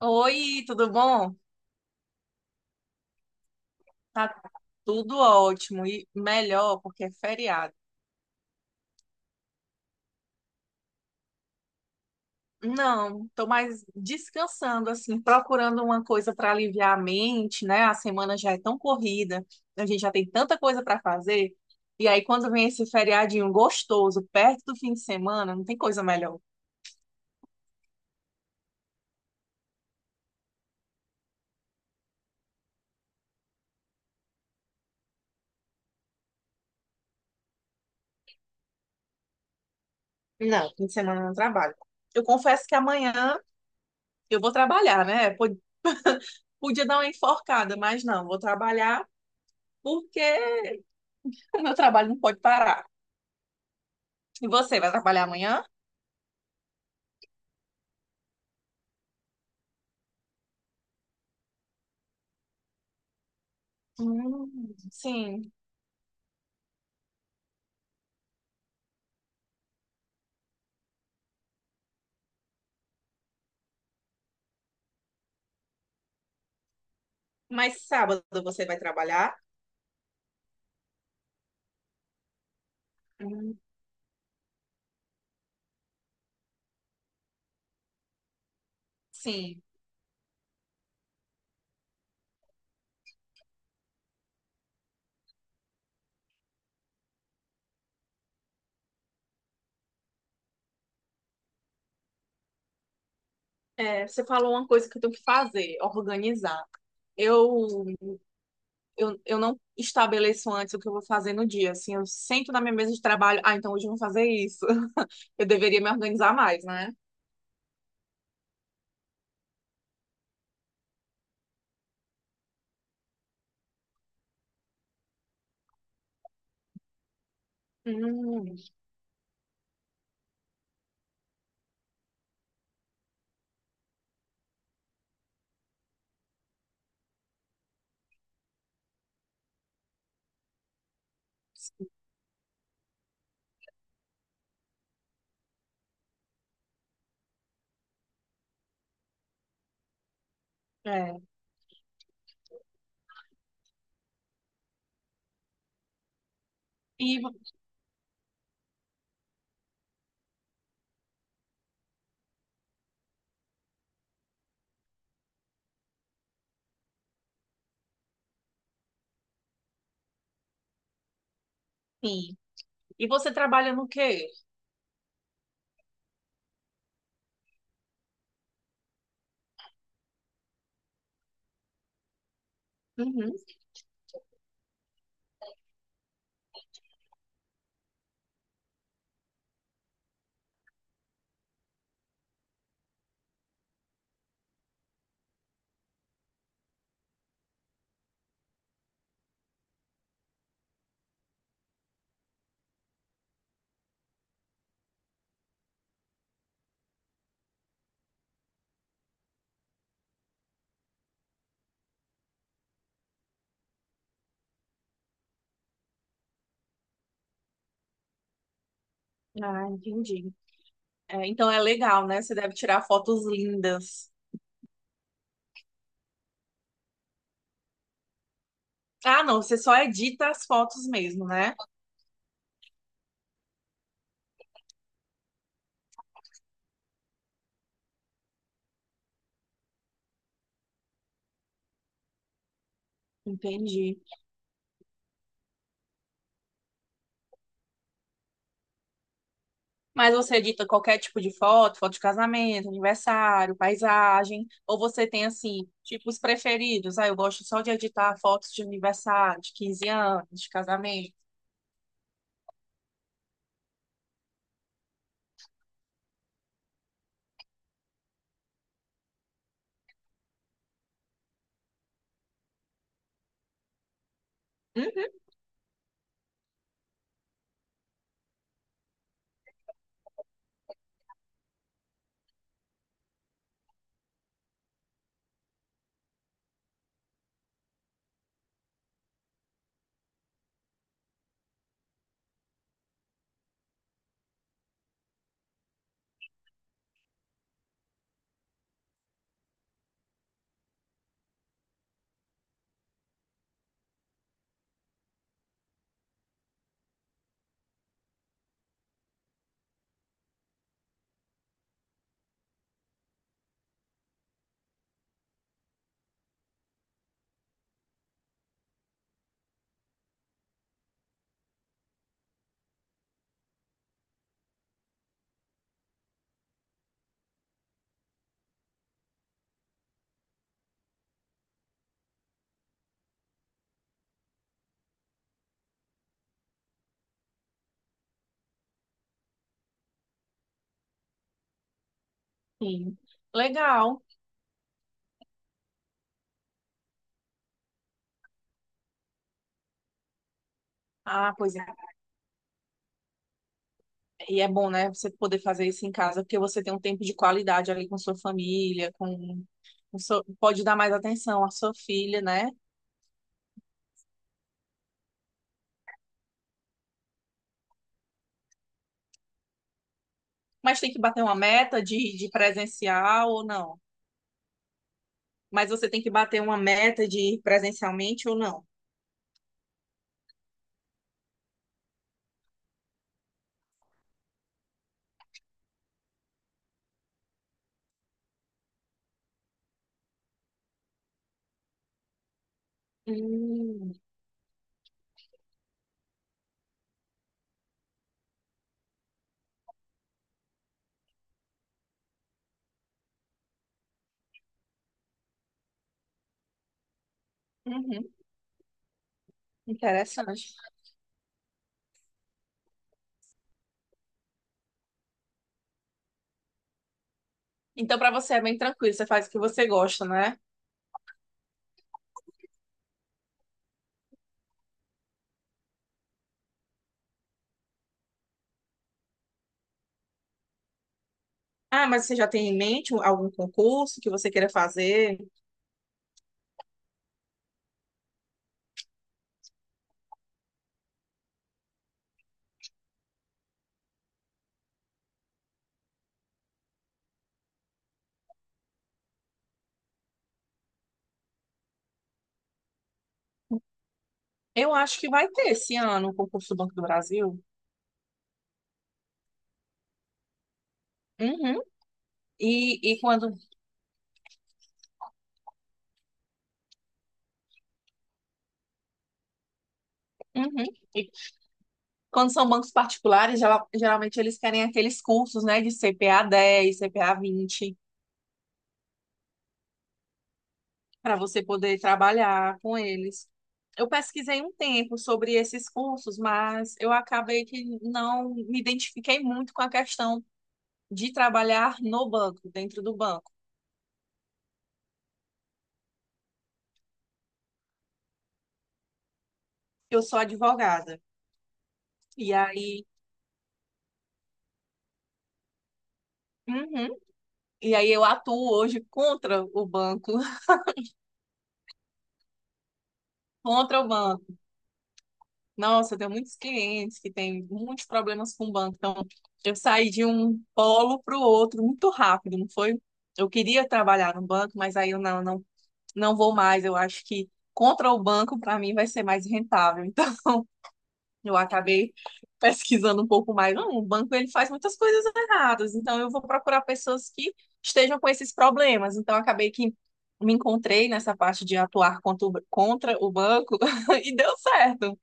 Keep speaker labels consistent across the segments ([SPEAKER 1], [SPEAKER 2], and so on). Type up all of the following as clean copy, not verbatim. [SPEAKER 1] Oi, tudo bom? Tá tudo ótimo e melhor porque é feriado. Não, tô mais descansando assim, procurando uma coisa para aliviar a mente, né? A semana já é tão corrida, a gente já tem tanta coisa para fazer. E aí quando vem esse feriadinho gostoso perto do fim de semana, não tem coisa melhor. Não, fim de semana eu não trabalho. Eu confesso que amanhã eu vou trabalhar, né? Podia dar uma enforcada, mas não, vou trabalhar porque o meu trabalho não pode parar. E você vai trabalhar amanhã? Sim. Mas sábado você vai trabalhar? Hum, sim. É, você falou uma coisa que eu tenho que fazer, organizar. Eu, eu não estabeleço antes o que eu vou fazer no dia. Assim, eu sento na minha mesa de trabalho. Ah, então hoje eu vou fazer isso. Eu deveria me organizar mais, né? Hum, é. E, vo- sim. E você trabalha no quê? Uhum. Ah, entendi. É, então é legal, né? Você deve tirar fotos lindas. Ah, não, você só edita as fotos mesmo, né? Entendi. Mas você edita qualquer tipo de foto, foto de casamento, aniversário, paisagem, ou você tem assim, tipos preferidos? Ah, eu gosto só de editar fotos de aniversário, de 15 anos, de casamento. Uhum. Sim. Legal. Ah, pois é. E é bom, né, você poder fazer isso em casa, porque você tem um tempo de qualidade ali com sua família, com, pode dar mais atenção à sua filha, né? Mas tem que bater uma meta de presencial ou não? Mas você tem que bater uma meta de ir presencialmente ou não? Hum, uhum, interessante. Então, para você é bem tranquilo, você faz o que você gosta, né? Ah, mas você já tem em mente algum concurso que você queira fazer? Eu acho que vai ter esse ano o concurso do Banco do Brasil. Uhum. E, e quando, uhum. E quando são bancos particulares, geralmente eles querem aqueles cursos, né, de CPA 10, CPA 20. Para você poder trabalhar com eles. Eu pesquisei um tempo sobre esses cursos, mas eu acabei que não me identifiquei muito com a questão de trabalhar no banco, dentro do banco. Eu sou advogada. E aí. Uhum. E aí eu atuo hoje contra o banco, contra o banco. Nossa, eu tenho muitos clientes que têm muitos problemas com o banco. Então, eu saí de um polo para o outro muito rápido, não foi? Eu queria trabalhar no banco, mas aí eu não vou mais, eu acho que contra o banco para mim vai ser mais rentável. Então eu acabei pesquisando um pouco mais. Não, o banco ele faz muitas coisas erradas, então eu vou procurar pessoas que estejam com esses problemas. Então acabei que me encontrei nessa parte de atuar contra o banco e deu certo.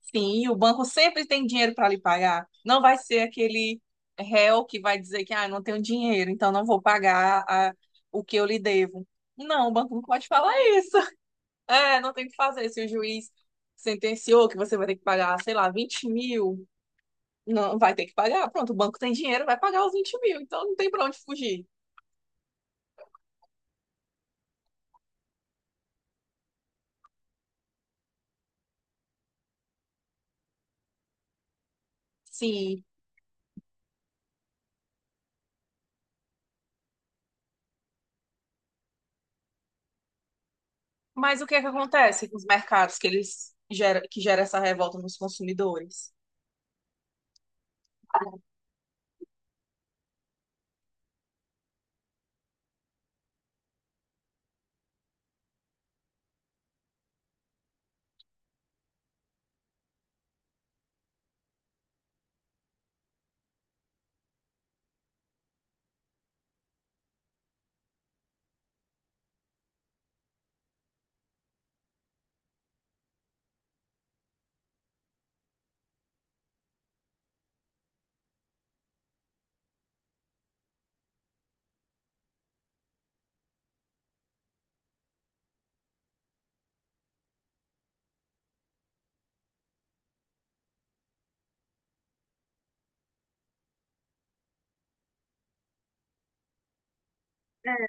[SPEAKER 1] Sim, o banco sempre tem dinheiro para lhe pagar. Não vai ser aquele réu que vai dizer que ah, eu não tenho dinheiro, então não vou pagar o que eu lhe devo. Não, o banco não pode falar isso. É, não tem o que fazer. Se o juiz sentenciou que você vai ter que pagar, sei lá, 20 mil, não vai ter que pagar. Pronto, o banco tem dinheiro, vai pagar os 20 mil, então não tem pra onde fugir. Sim. Mas o que é que acontece com os mercados que que gera essa revolta nos consumidores?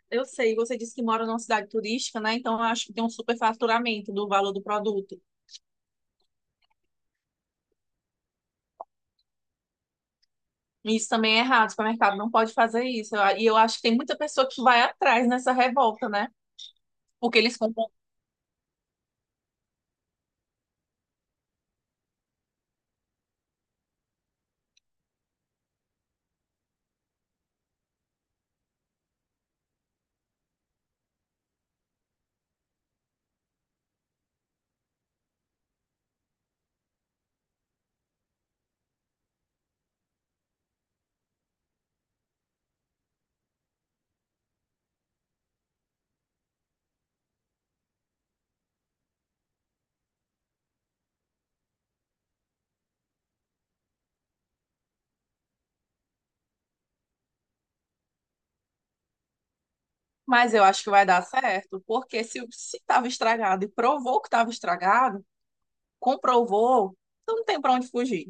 [SPEAKER 1] Eu sei, você disse que mora numa cidade turística, né? Então eu acho que tem um superfaturamento do valor do produto. E isso também é errado, o supermercado não pode fazer isso. E eu acho que tem muita pessoa que vai atrás nessa revolta, né? Porque eles compram Mas eu acho que vai dar certo, porque se estava estragado e provou que estava estragado, comprovou, então não tem para onde fugir.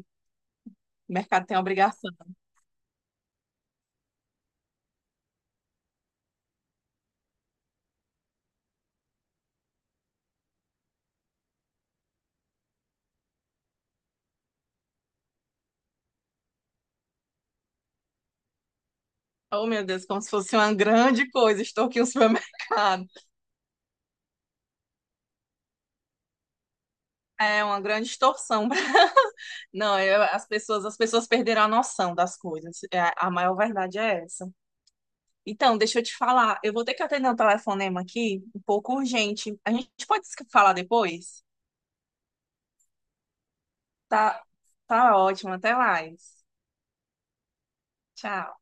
[SPEAKER 1] O mercado tem obrigação. Oh, meu Deus, como se fosse uma grande coisa, estou aqui no supermercado. É uma grande extorsão. Não, as pessoas perderam a noção das coisas. É, a maior verdade é essa. Então, deixa eu te falar, eu vou ter que atender um telefonema aqui, um pouco urgente. A gente pode se falar depois? Tá, tá ótimo, até mais. Tchau.